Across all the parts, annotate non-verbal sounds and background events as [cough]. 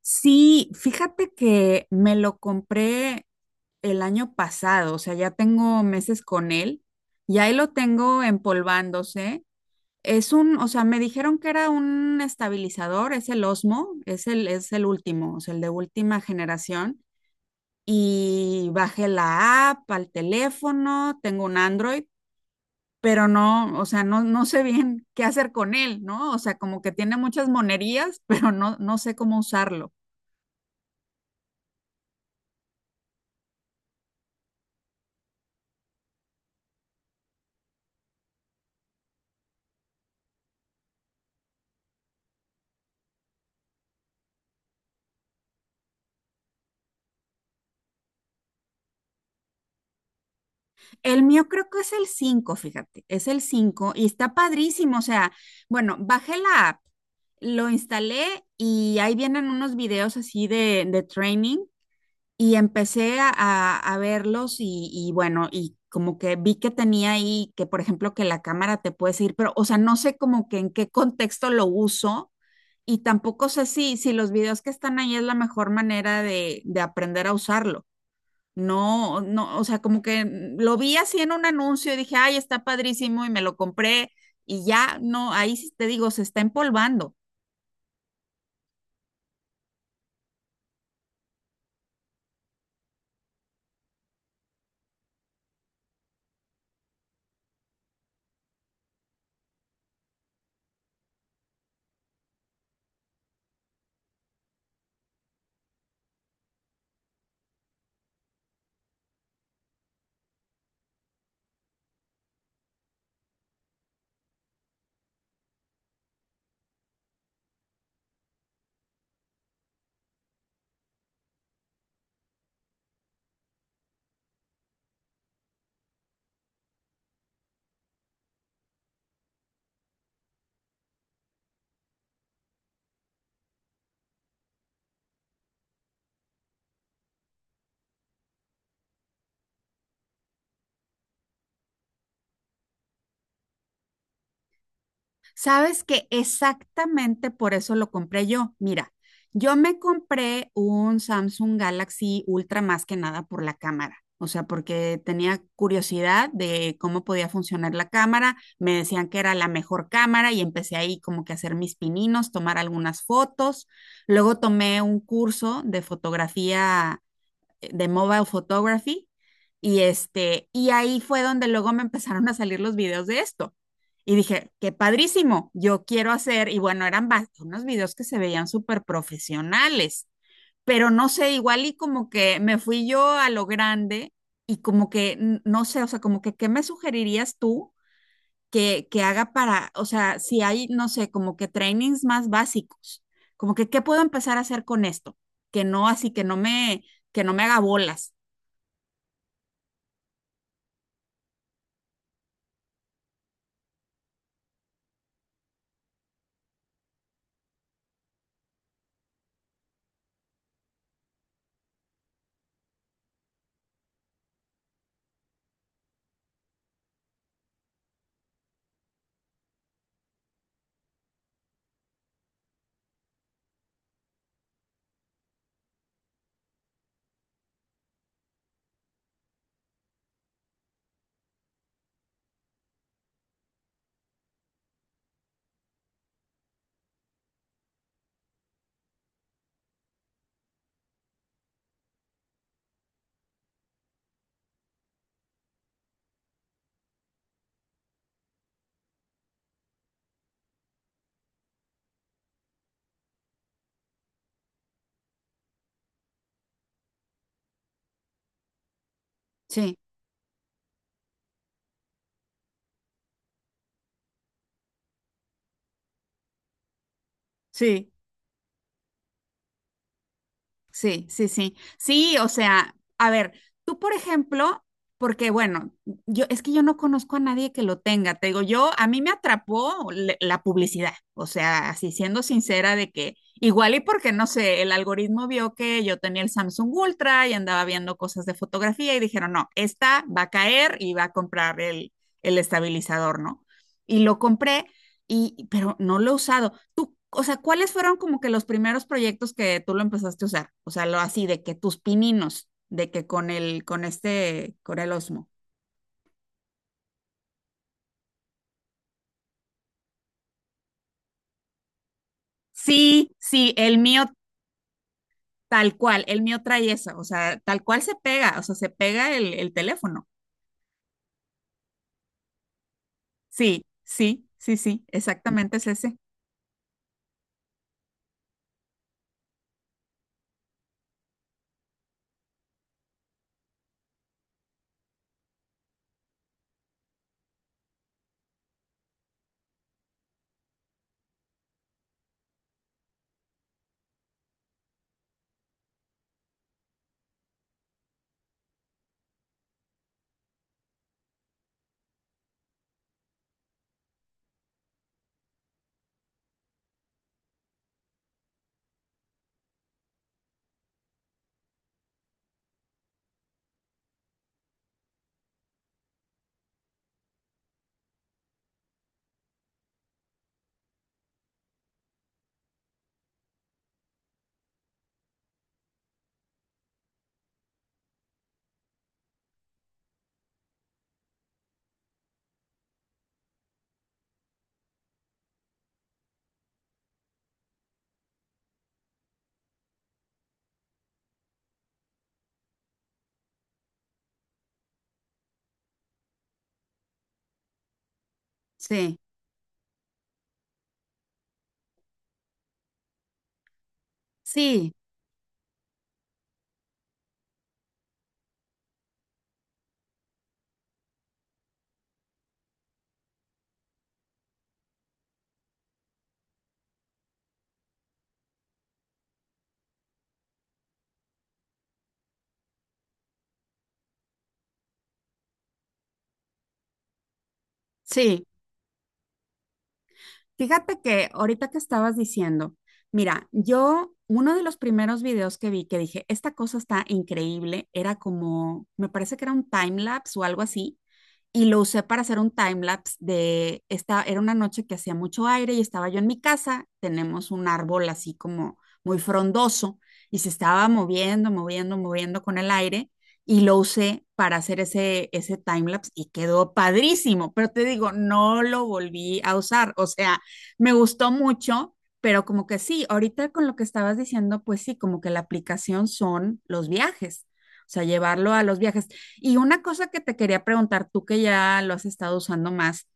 Sí, fíjate que me lo compré el año pasado, o sea, ya tengo meses con él y ahí lo tengo empolvándose. O sea, me dijeron que era un estabilizador, es el Osmo, es el último, o sea, el de última generación. Y bajé la app al teléfono, tengo un Android, pero no, o sea, no sé bien qué hacer con él, ¿no? O sea, como que tiene muchas monerías, [laughs] pero no sé cómo usarlo. El mío creo que es el 5, fíjate, es el 5 y está padrísimo. O sea, bueno, bajé la app, lo instalé y ahí vienen unos videos así de training y empecé a verlos y bueno, y como que vi que tenía ahí que, por ejemplo, que la cámara te puede seguir, pero, o sea, no sé como que en qué contexto lo uso y tampoco sé si los videos que están ahí es la mejor manera de aprender a usarlo. No, no, o sea, como que lo vi así en un anuncio y dije, ay, está padrísimo y me lo compré y ya, no, ahí sí te digo, se está empolvando. Sabes que exactamente por eso lo compré yo. Mira, yo me compré un Samsung Galaxy Ultra más que nada por la cámara. O sea, porque tenía curiosidad de cómo podía funcionar la cámara. Me decían que era la mejor cámara y empecé ahí como que a hacer mis pininos, tomar algunas fotos. Luego tomé un curso de fotografía de mobile photography y este, y ahí fue donde luego me empezaron a salir los videos de esto. Y dije, qué padrísimo, yo quiero hacer, y bueno, eran unos videos que se veían súper profesionales, pero no sé, igual y como que me fui yo a lo grande y como que, no sé, o sea, como que, ¿qué me sugerirías tú que haga para, o sea, si hay, no sé, como que trainings más básicos, como que, ¿qué puedo empezar a hacer con esto? Que no, así que que no me haga bolas. Sí, sí, sí, sí, sí. Sí, o sea, a ver, tú por ejemplo, porque bueno, yo es que yo no conozco a nadie que lo tenga, te digo, yo a mí me atrapó la publicidad, o sea, así siendo sincera de que igual y porque no sé, el algoritmo vio que yo tenía el Samsung Ultra y andaba viendo cosas de fotografía y dijeron, "No, esta va a caer y va a comprar el estabilizador, ¿no?". Y lo compré. Y, pero no lo he usado. Tú, o sea, ¿cuáles fueron como que los primeros proyectos que tú lo empezaste a usar? O sea, lo así de que tus pininos, de que con el, con este, con el Osmo. Sí, sí, el mío tal cual, el mío trae eso, o sea, tal cual se pega, o sea, se pega el teléfono. Sí, sí, sí, sí, exactamente es ese. Sí, sí, sí. Fíjate que ahorita que estabas diciendo, mira, yo uno de los primeros videos que vi que dije, esta cosa está increíble, era como, me parece que era un time lapse o algo así, y lo usé para hacer un time lapse de esta, era una noche que hacía mucho aire y estaba yo en mi casa, tenemos un árbol así como muy frondoso y se estaba moviendo, moviendo, moviendo con el aire y lo usé para hacer ese time lapse y quedó padrísimo, pero te digo, no lo volví a usar, o sea, me gustó mucho, pero como que sí, ahorita con lo que estabas diciendo, pues sí, como que la aplicación son los viajes. O sea, llevarlo a los viajes. Y una cosa que te quería preguntar, tú que ya lo has estado usando más,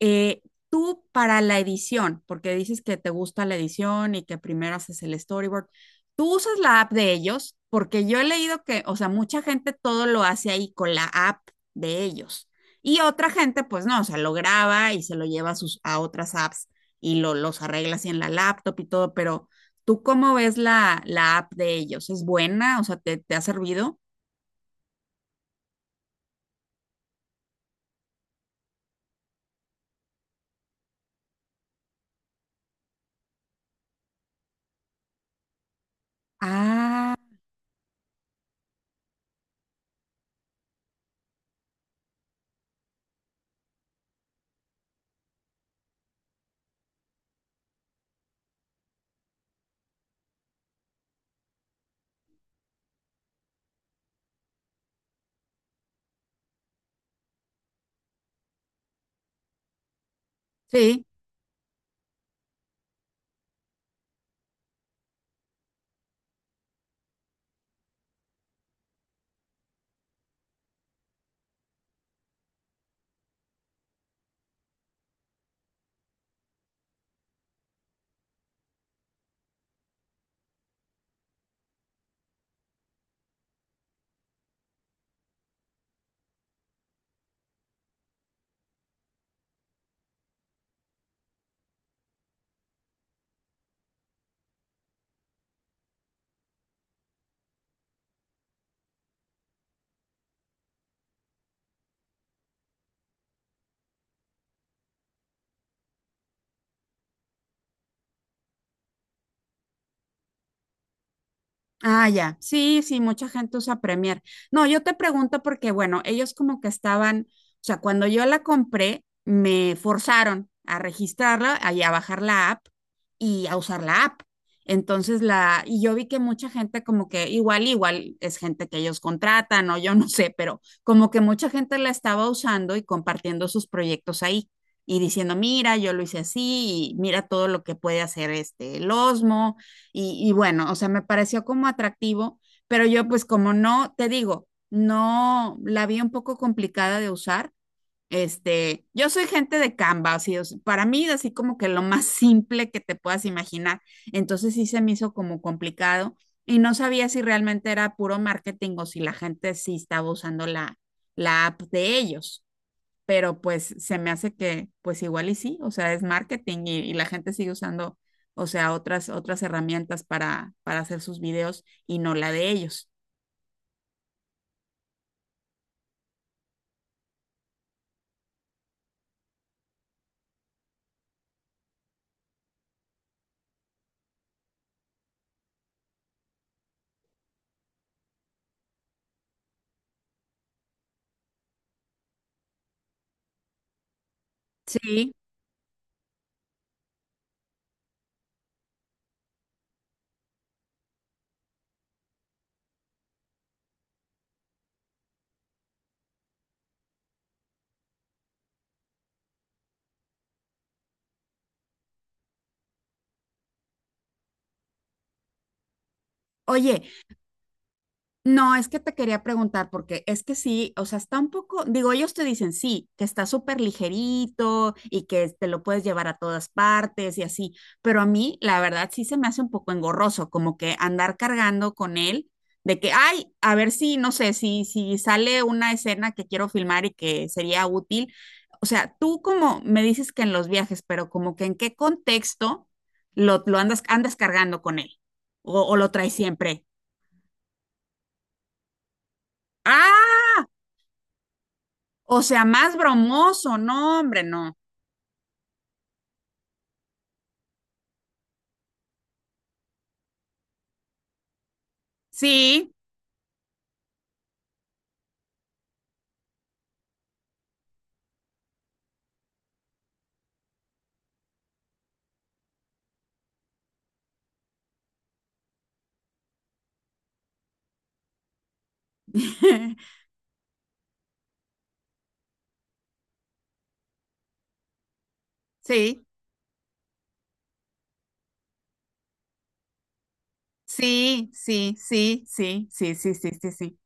eh, tú para la edición, porque dices que te gusta la edición y que primero haces el storyboard, ¿tú usas la app de ellos? Porque yo he leído que, o sea, mucha gente todo lo hace ahí con la app de ellos. Y otra gente, pues no, o sea, lo graba y se lo lleva a otras apps y los arregla así en la laptop y todo, pero ¿tú cómo ves la app de ellos? ¿Es buena? O sea, ¿te ha servido? Ah, sí. Ah, ya. Sí, sí, mucha gente usa Premiere. No, yo te pregunto porque, bueno, ellos como que estaban, o sea, cuando yo la compré, me forzaron a registrarla y a bajar la app y a usar la app. Entonces y yo vi que mucha gente como que igual es gente que ellos contratan o yo no sé, pero como que mucha gente la estaba usando y compartiendo sus proyectos ahí y diciendo, mira, yo lo hice así y mira todo lo que puede hacer este, el Osmo y bueno, o sea, me pareció como atractivo, pero yo pues como no, te digo, no la vi un poco complicada de usar. Este, yo soy gente de Canva, así, o sea, para mí es así como que lo más [laughs] simple que te puedas imaginar. Entonces sí se me hizo como complicado y no sabía si realmente era puro marketing o si la gente sí estaba usando la app de ellos, pero pues se me hace que pues igual y sí, o sea, es marketing y la gente sigue usando, o sea, otras herramientas para hacer sus videos y no la de ellos. Sí. Oye. No, es que te quería preguntar, porque es que sí, o sea, está un poco, digo, ellos te dicen sí, que está súper ligerito y que te lo puedes llevar a todas partes y así, pero a mí, la verdad, sí se me hace un poco engorroso, como que andar cargando con él, de que, ay, a ver si, no sé, si sale una escena que quiero filmar y que sería útil. O sea, tú como me dices que en los viajes, pero como que en qué contexto lo andas, cargando con él o lo traes siempre. ¡Ah! O sea, más bromoso, no, hombre, no. Sí, [laughs] sí, sí, sí, sí, sí, sí, sí, sí, sí, sí.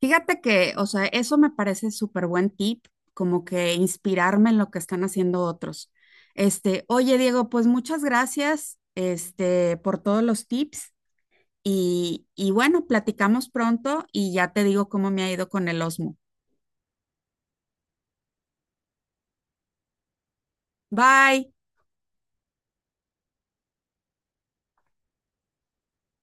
Fíjate que, o sea, eso me parece súper buen tip, como que inspirarme en lo que están haciendo otros. Este, oye, Diego, pues muchas gracias, este, por todos los tips y bueno, platicamos pronto y ya te digo cómo me ha ido con el Osmo. Bye.